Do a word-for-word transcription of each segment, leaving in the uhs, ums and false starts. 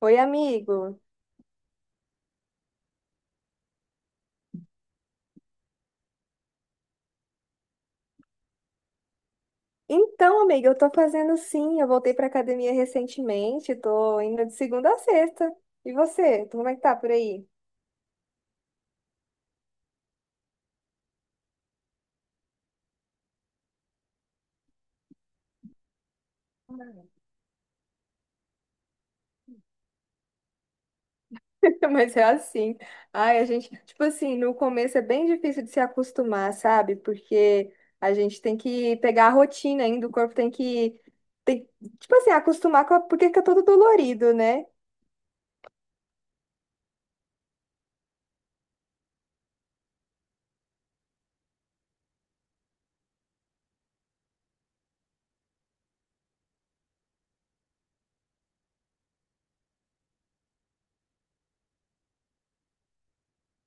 Oi, amigo. Então, amiga, eu tô fazendo sim. Eu voltei pra academia recentemente, tô indo de segunda a sexta. E você? Tu- Como é que tá por aí? Mas é assim. Ai, a gente, tipo assim, no começo é bem difícil de se acostumar, sabe? Porque a gente tem que pegar a rotina ainda, o corpo tem que, tem, tipo assim, acostumar com a, porque fica todo dolorido, né?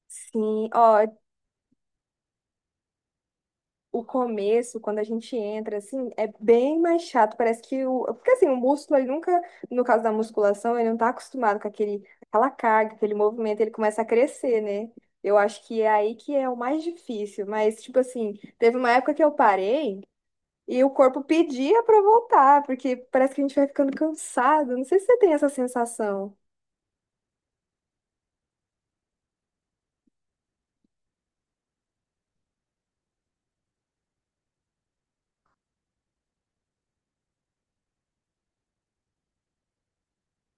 Sim, ó, o começo, quando a gente entra, assim, é bem mais chato. Parece que o. Porque assim, o músculo, ele nunca, no caso da musculação, ele não tá acostumado com aquele, aquela carga, aquele movimento, ele começa a crescer, né? Eu acho que é aí que é o mais difícil. Mas, tipo assim, teve uma época que eu parei e o corpo pedia pra voltar, porque parece que a gente vai ficando cansado. Não sei se você tem essa sensação.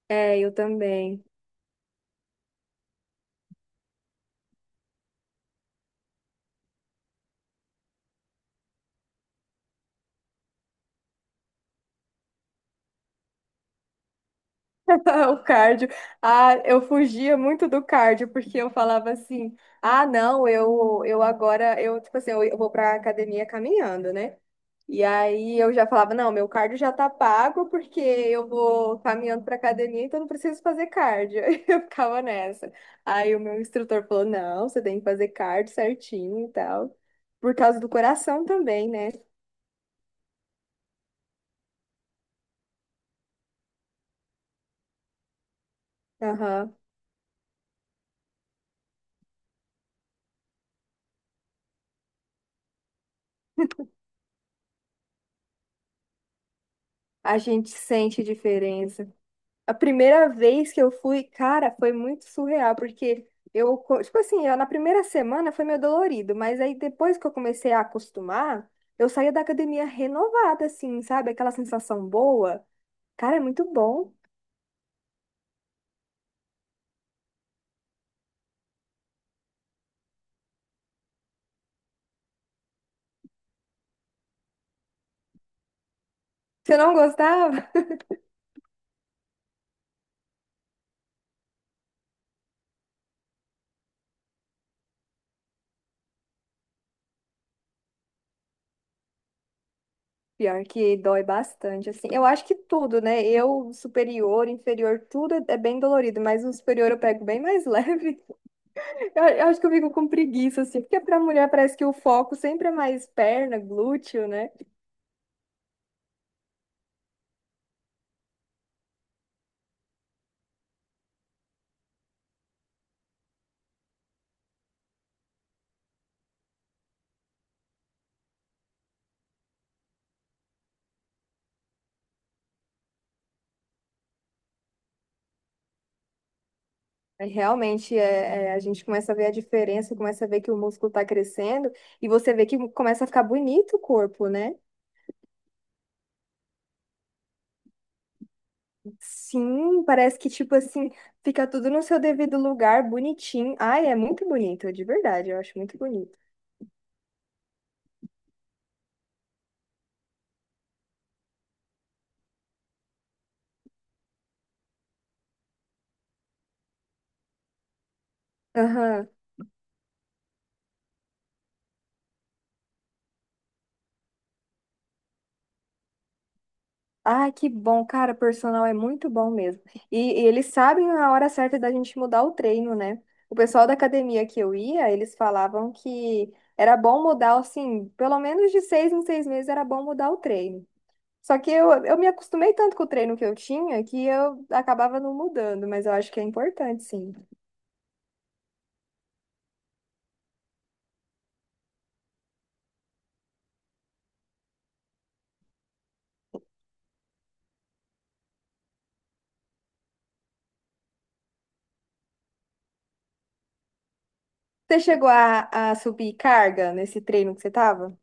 É, eu também. O cardio. Ah, eu fugia muito do cardio, porque eu falava assim: ah, não, eu, eu agora, eu, tipo assim, eu, eu vou pra academia caminhando, né? E aí eu já falava: não, meu cardio já tá pago, porque eu vou caminhando pra academia, então não preciso fazer cardio. Eu ficava nessa. Aí o meu instrutor falou: não, você tem que fazer cardio certinho e tal, por causa do coração também, né? Aham. A gente sente diferença. A primeira vez que eu fui, cara, foi muito surreal, porque eu, co- tipo assim, eu- na primeira semana foi meio dolorido, mas aí depois que eu comecei a acostumar, eu saía da academia renovada, assim, sabe? Aquela sensação boa. Cara, é muito bom. Você não gostava? Pior que dói bastante, assim. Eu acho que tudo, né? Eu, superior, inferior, tudo é é bem dolorido, mas o superior eu pego bem mais leve. Eu, eu acho que eu fico com preguiça, assim, porque pra mulher parece que o foco sempre é mais perna, glúteo, né? É, realmente, é, é, a gente começa a ver a diferença, começa a ver que o músculo está crescendo e você vê que começa a ficar bonito o corpo, né? Sim, parece que, tipo assim, fica tudo no seu devido lugar, bonitinho. Ai, é muito bonito, de verdade, eu acho muito bonito. Aham. Ai, que bom, cara, personal é muito bom mesmo. E, e eles sabem a hora certa da gente mudar o treino, né? O pessoal da academia que eu ia, eles falavam que era bom mudar, assim, pelo menos de seis em seis meses era bom mudar o treino. Só que eu, eu me acostumei tanto com o treino que eu tinha que eu acabava não mudando, mas eu acho que é importante, sim. Você chegou a, a subir carga nesse treino que você tava?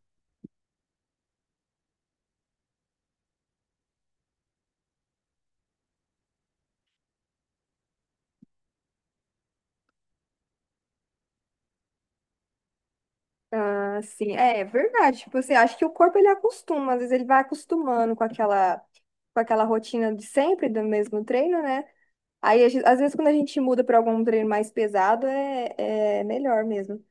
Ah, sim, é verdade. Tipo assim, acho que o corpo ele acostuma, às vezes ele vai acostumando com aquela, com aquela rotina de sempre, do mesmo treino, né? Aí, a gen- às vezes, quando a gente muda para algum treino mais pesado, é, é melhor mesmo.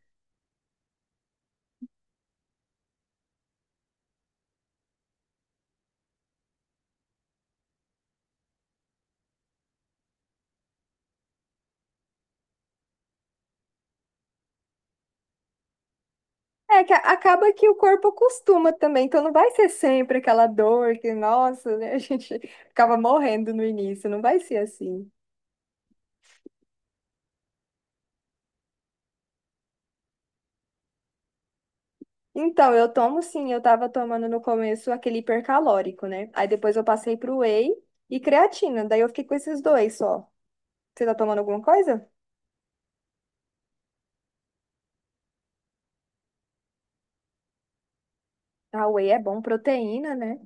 É que a- acaba que o corpo acostuma também, então não vai ser sempre aquela dor que, nossa, né, a gente ficava morrendo no início, não vai ser assim. Então, eu tomo sim, eu tava tomando no começo aquele hipercalórico, né? Aí depois eu passei pro whey e creatina, daí eu fiquei com esses dois só. Você tá tomando alguma coisa? Ah, whey é bom, proteína, né?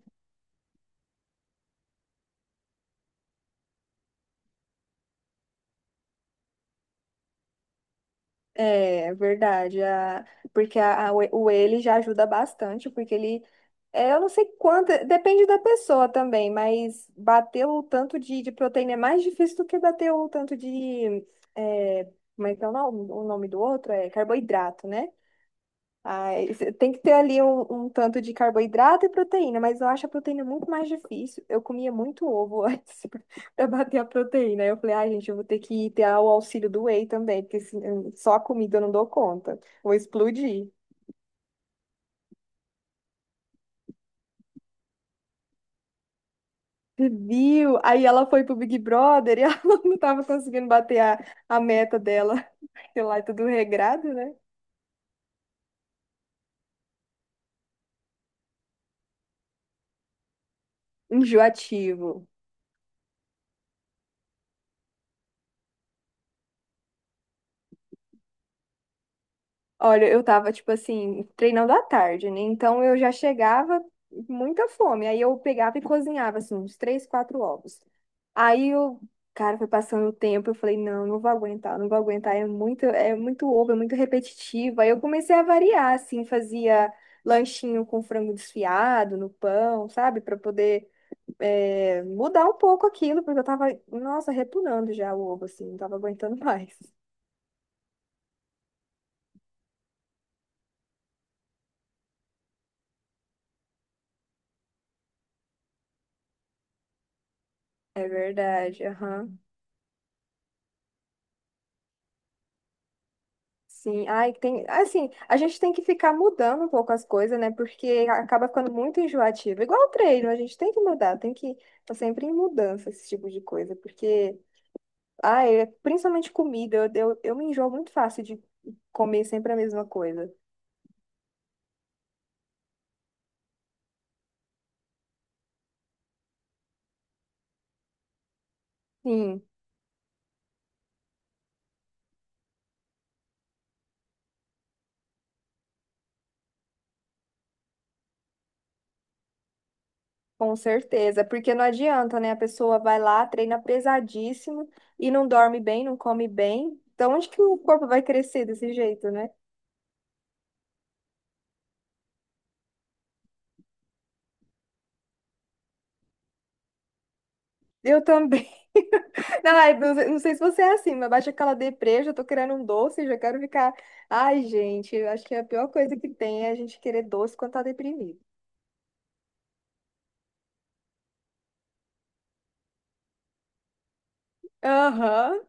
É verdade, a- porque a- a- o ele já ajuda bastante, porque ele, é, eu não sei quanto, depende da pessoa também, mas bater o tanto de, de proteína é mais difícil do que bater o tanto de, é, como é que é o nome, o nome do outro? É carboidrato, né? Ai, cê tem que ter ali um, um tanto de carboidrato e proteína, mas eu acho a proteína muito mais difícil. Eu comia muito ovo antes para bater a proteína. Aí eu falei, ai, gente, eu vou ter que ter o auxílio do whey também, porque se- hum, só a comida eu não dou conta. Vou explodir. Você viu? Aí ela foi pro Big Brother e ela não tava conseguindo bater a, a meta dela, sei lá, é tudo regrado, né? Enjoativo. Olha, eu tava, tipo assim, treinando à tarde, né? Então eu já chegava com muita fome. Aí eu pegava e cozinhava, assim, uns três, quatro ovos. Aí o cara foi passando o tempo, eu falei, não, não vou aguentar, não vou aguentar, é muito, é muito ovo, é muito repetitivo. Aí eu comecei a variar, assim, fazia lanchinho com frango desfiado no pão, sabe? Pra poder é, mudar um pouco aquilo, porque eu tava, nossa, repunando já o ovo, assim, não tava aguentando mais. É verdade, aham. Sim, ai, tem, assim, a gente tem que ficar mudando um pouco as coisas, né? Porque acaba ficando muito enjoativo. Igual o treino, a gente tem que mudar, tem que tá sempre em mudança esse tipo de coisa, porque ai, é, principalmente comida, eu, eu, eu me enjoo muito fácil de comer sempre a mesma coisa. Sim, com certeza, porque não adianta, né? A pessoa vai lá, treina pesadíssimo e não dorme bem, não come bem. Então, onde que o corpo vai crescer desse jeito, né? Eu também. Não, é- não sei não sei se você é assim, mas baixa aquela deprê, já tô querendo um doce, já quero ficar. Ai, gente, eu acho que a pior coisa que tem é a gente querer doce quando tá deprimido. Aham.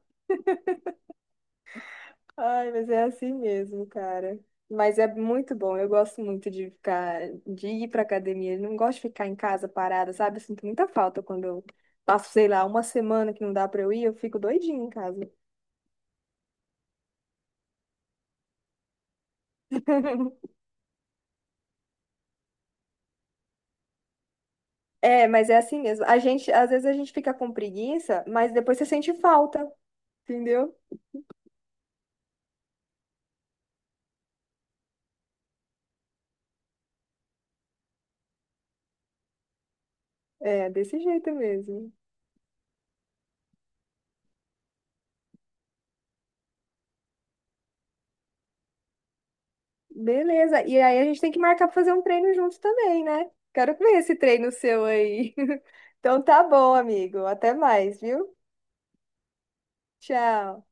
Ai, mas é assim mesmo, cara. Mas é muito bom. Eu gosto muito de ficar, de ir pra academia. Eu não gosto de ficar em casa parada, sabe? Eu sinto muita falta quando eu passo, sei lá, uma semana que não dá pra eu ir, eu fico doidinha em casa. É, mas é assim mesmo. A gente, às vezes a gente fica com preguiça, mas depois você sente falta, entendeu? É, desse jeito mesmo. Beleza. E aí a gente tem que marcar pra fazer um treino junto também, né? Quero ver esse treino seu aí. Então tá bom, amigo. Até mais, viu? Tchau.